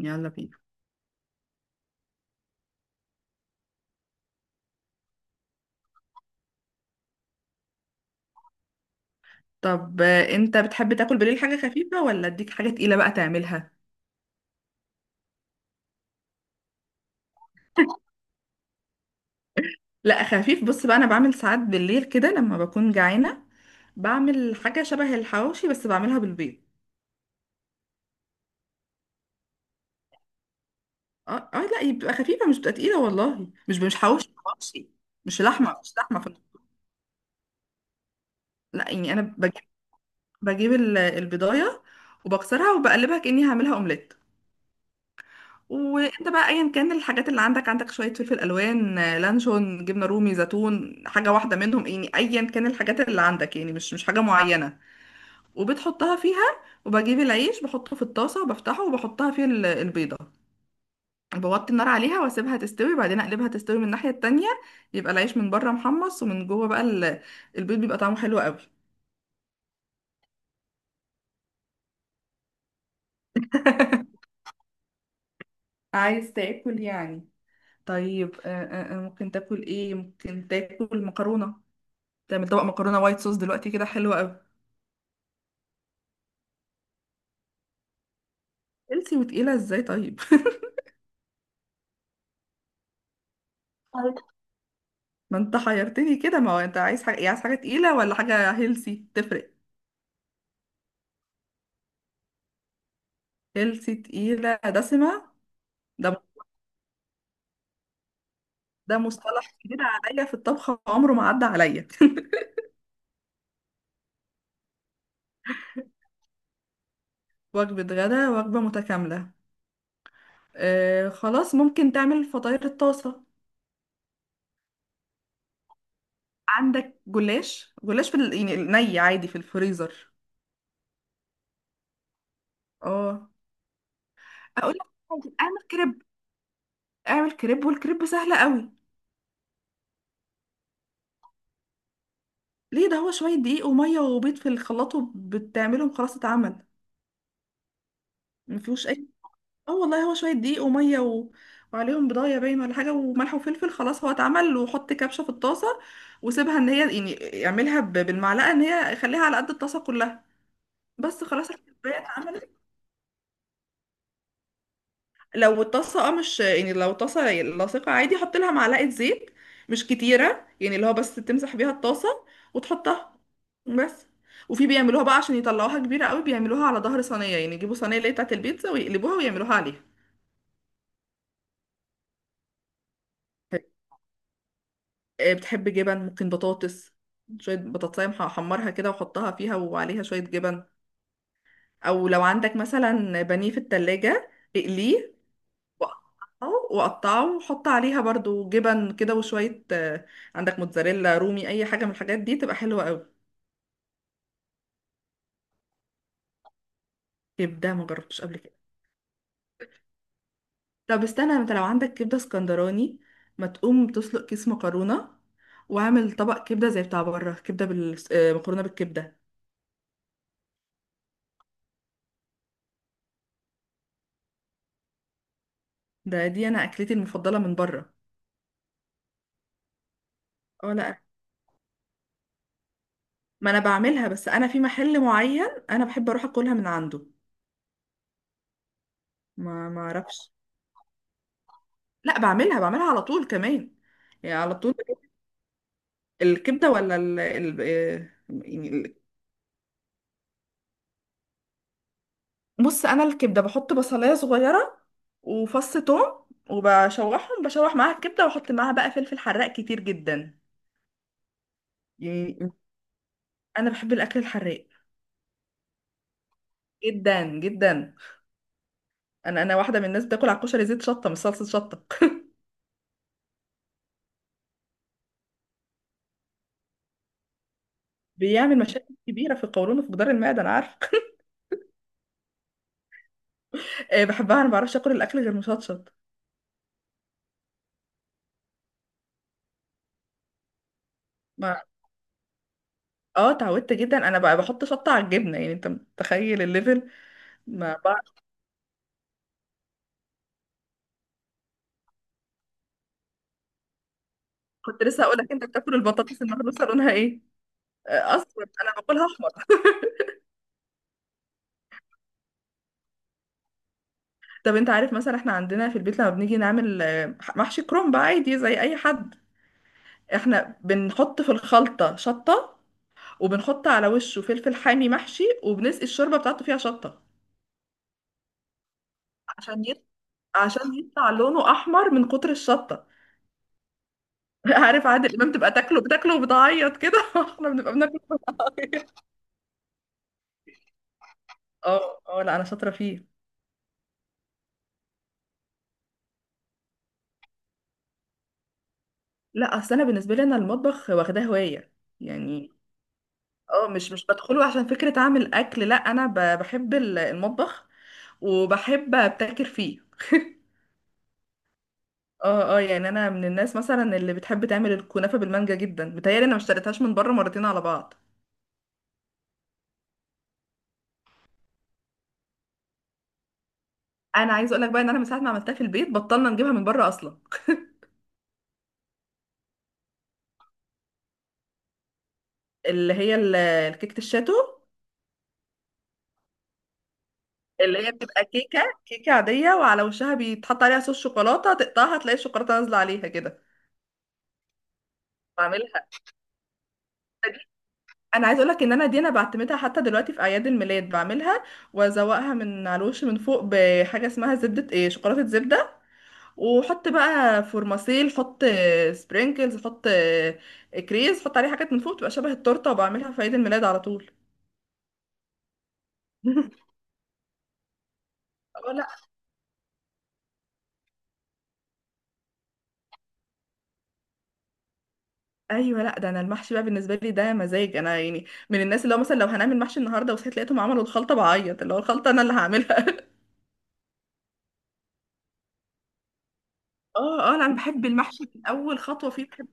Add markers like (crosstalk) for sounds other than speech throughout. يلا بينا. طب انت بتحب تاكل بالليل حاجة خفيفة ولا اديك حاجة تقيلة بقى تعملها؟ لا خفيف. بص بقى انا بعمل ساعات بالليل كده لما بكون جعانة، بعمل حاجة شبه الحواوشي بس بعملها بالبيض. اه اه، لا هي بتبقى خفيفة مش بتبقى تقيلة والله. مش حواوشي حواوشي. مش لحمة في، لا يعني انا بجيب، البضاية وبكسرها وبقلبها كأني هعملها اومليت. وانت بقى ايا كان الحاجات اللي عندك عندك شويه فلفل الوان، لانشون، جبنه رومي، زيتون، حاجه واحده منهم يعني ايا كان الحاجات اللي عندك، يعني مش حاجه معينه. وبتحطها فيها وبجيب العيش بحطه في الطاسه وبفتحه وبحطها فيه البيضه. بوطي النار عليها واسيبها تستوي، بعدين اقلبها تستوي من الناحيه التانية. يبقى العيش من بره محمص ومن جوه بقى البيض بيبقى طعمه حلو قوي. (laughs) عايز تاكل يعني؟ طيب ممكن تاكل ايه؟ ممكن تاكل مكرونه، تعمل طبق مكرونه وايت صوص دلوقتي كده حلوه قوي. هيلثي وتقيله ازاي طيب؟ (laughs) طيب ما انت حيرتني كده. ما هو انت عايز حاجه إيه، عايز حاجه تقيله ولا حاجه هيلثي؟ تفرق. هيلثي تقيله دسمه؟ ده ده مصطلح جديد عليا في الطبخ، عمره ما عدى عليا. (laughs) وجبه غدا وجبه متكامله؟ آه خلاص، ممكن تعمل فطاير الطاسه. عندك جلاش؟ جلاش في ال- يعني ني عادي في الفريزر؟ اه. اقول لك حاجة، اعمل كريب. اعمل كريب والكريب سهله قوي. ليه؟ ده هو شوية دقيق ومية وبيض في الخلاط وبتعملهم خلاص اتعمل. مفيهوش أي، اه والله هو شوية دقيق ومية و... وعليهم بضاية باين ولا حاجة وملح وفلفل، خلاص هو اتعمل. وحط كبشة في الطاسة وسيبها ان هي، يعني اعملها بالمعلقة ان هي خليها على قد الطاسة كلها. بس خلاص الكوباية اتعملت. لو الطاسه اه مش، يعني لو الطاسه لاصقه عادي حط لها معلقه زيت، مش كتيره يعني، اللي هو بس تمسح بيها الطاسه وتحطها. بس. وفي بيعملوها بقى عشان يطلعوها كبيره قوي، بيعملوها على ظهر صينيه، يعني يجيبوا صينيه اللي هي بتاعت البيتزا ويقلبوها ويعملوها عليها. بتحب جبن؟ ممكن بطاطس، شويه بطاطسايه احمرها كده واحطها فيها وعليها شويه جبن. او لو عندك مثلا بانيه في التلاجة اقليه وأقطعه، وأحط عليها برضو جبن كده وشوية، عندك موتزاريلا رومي أي حاجة من الحاجات دي تبقى حلوة أوي. كبدة ما جربتش قبل كده. طب استنى، انت لو عندك كبدة اسكندراني ما تقوم تسلق كيس مكرونة واعمل طبق كبدة زي بتاع بره، كبدة بال... آه، مكرونة بالكبدة. ده دي أنا أكلتي المفضلة من بره. اه لا، ما أنا بعملها، بس أنا في محل معين أنا بحب أروح أكلها من عنده. ما أعرفش. لا بعملها، على طول كمان. يعني على طول الكبدة، ولا ال ال يعني بص، أنا الكبدة بحط بصلاية صغيرة وفص توم وبشوحهم، بشوح معاها الكبدة وأحط معاها بقى فلفل حراق كتير جدا. يعني أنا بحب الأكل الحراق جدا جدا. أنا واحدة من الناس بتاكل على الكشري زيت شطة مش صلصة شطة. بيعمل مشاكل كبيرة في القولون وفي جدار المعدة، أنا عارفة. بحبها، أنا ما بعرفش آكل الأكل غير مشطشط. ما اه اتعودت جدا. انا بقى بحط شطه على الجبنه، يعني انت متخيل الليفل. ما كنت لسه هقول لك، انت بتاكل البطاطس المهروسه لونها ايه؟ اصفر؟ انا باكلها احمر. (laughs) طب انت عارف مثلا احنا عندنا في البيت لما بنيجي نعمل، محشي كرنب عادي زي اي حد، احنا بنحط في الخلطه شطه وبنحط على وشه فلفل حامي محشي وبنسقي الشوربه بتاعته فيها شطه. عشان يط... عشان يطلع لونه احمر من كتر الشطه. (laughs) عارف عادل امام تبقى تاكله بتاكله وبتعيط كده؟ (laughs) احنا بنبقى بناكله وبنعيط. (laughs) اه اه لا، انا شاطره فيه. لا اصل انا بالنسبه لي انا المطبخ واخداه هوايه يعني. اه، مش بدخله عشان فكرة اعمل اكل، لا انا بحب المطبخ وبحب ابتكر فيه. اه اه، يعني انا من الناس مثلا اللي بتحب تعمل الكنافة بالمانجا جدا، متهيألي انا ما اشتريتهاش من بره مرتين على بعض. انا عايزه اقول لك بقى ان انا من ساعه ما عملتها في البيت بطلنا نجيبها من بره اصلا. اللي هي الكيكه الشاتو، اللي هي بتبقى كيكه عاديه وعلى وشها بيتحط عليها صوص شوكولاته، تقطعها تلاقي الشوكولاته نازله عليها كده. بعملها. انا عايزه اقولك ان انا دي انا بعتمدها حتى دلوقتي في اعياد الميلاد بعملها، وازوقها من على الوش من فوق بحاجه اسمها زبده، ايه، شوكولاته زبده، وحط بقى فورماسيل، حط سبرينكلز، حط كريز، حط عليه حاجات من فوق تبقى شبه التورته، وبعملها في عيد الميلاد على طول. (laughs) اه لا. ايوه لا، ده انا المحشي بقى بالنسبه لي ده مزاج انا، يعني من الناس اللي هو مثلا لو هنعمل محشي النهارده وصحيت لقيتهم عملوا الخلطه بعيط، اللي هو الخلطه انا اللي هعملها. (laughs) اه اه لا، انا بحب المحشي من اول خطوه فيه، بحب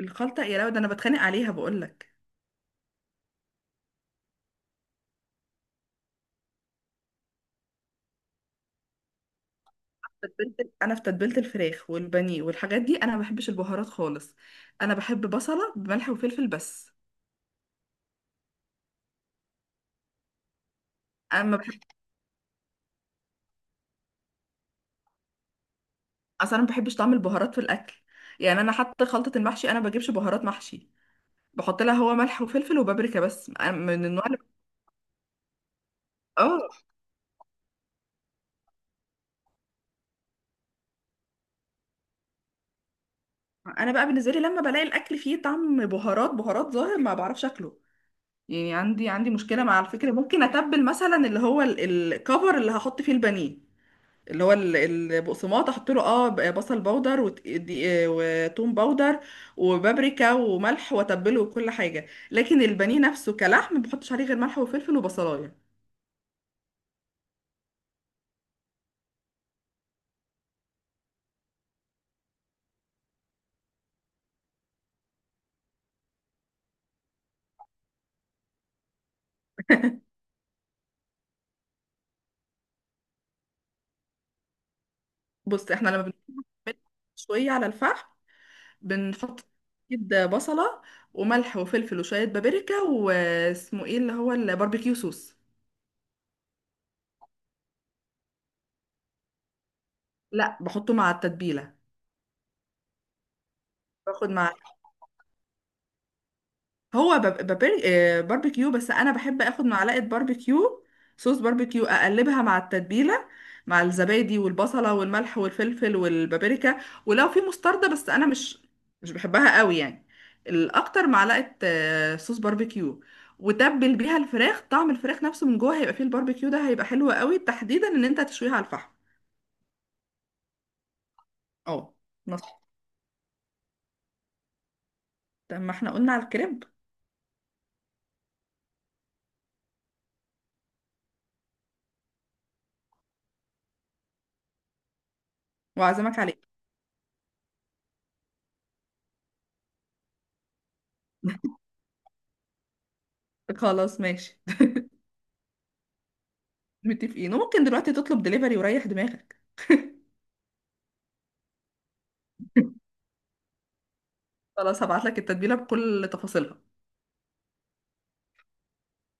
الخلطه. يا لو ده انا بتخانق عليها، بقول لك. تتبيلة، انا في تتبيله الفراخ والبانيه والحاجات دي انا ما بحبش البهارات خالص. انا بحب بصله بملح وفلفل بس. انا ما بحب، اصلا ما بحبش طعم البهارات في الاكل. يعني انا حتى خلطه المحشي انا ما بجيبش بهارات محشي، بحط لها هو ملح وفلفل وبابريكا بس. أنا من النوع اللي اه، انا بقى بالنسبه لي لما بلاقي الاكل فيه طعم بهارات ظاهر ما بعرفش اكله. يعني عندي مشكله مع الفكره. ممكن اتبل مثلا اللي هو الكفر اللي هحط فيه البانيه، اللي هو البقسماط، احط له اه بصل بودر وتوم بودر وبابريكا وملح واتبله وكل حاجه، لكن البانيه نفسه كلحم ما بحطش عليه غير ملح وفلفل وبصلايه. بص احنا لما بنعمل شويه على الفحم بنحط كده بصله وملح وفلفل وشويه بابريكا واسمه ايه اللي هو الباربيكيو صوص. لا بحطه مع التتبيله. باخد مع، هو بب- ببر- آه، باربيكيو، بس انا بحب اخد معلقه باربيكيو، صوص باربيكيو اقلبها مع التتبيله، مع الزبادي والبصله والملح والفلفل والبابريكا، ولو في مستردة، بس انا مش بحبها قوي يعني. الاكتر معلقه صوص باربيكيو وتبل بيها الفراخ. طعم الفراخ نفسه من جوه هيبقى فيه الباربيكيو ده هيبقى حلو قوي تحديدا ان انت تشويها على الفحم. اه. نص. طب ما احنا قلنا على الكريب، واعزمك عليه. (laughs) خلاص ماشي. متفقين. وممكن دلوقتي تطلب دليفري وريح دماغك. خلاص هبعت لك التتبيلة بكل تفاصيلها.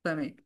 تمام.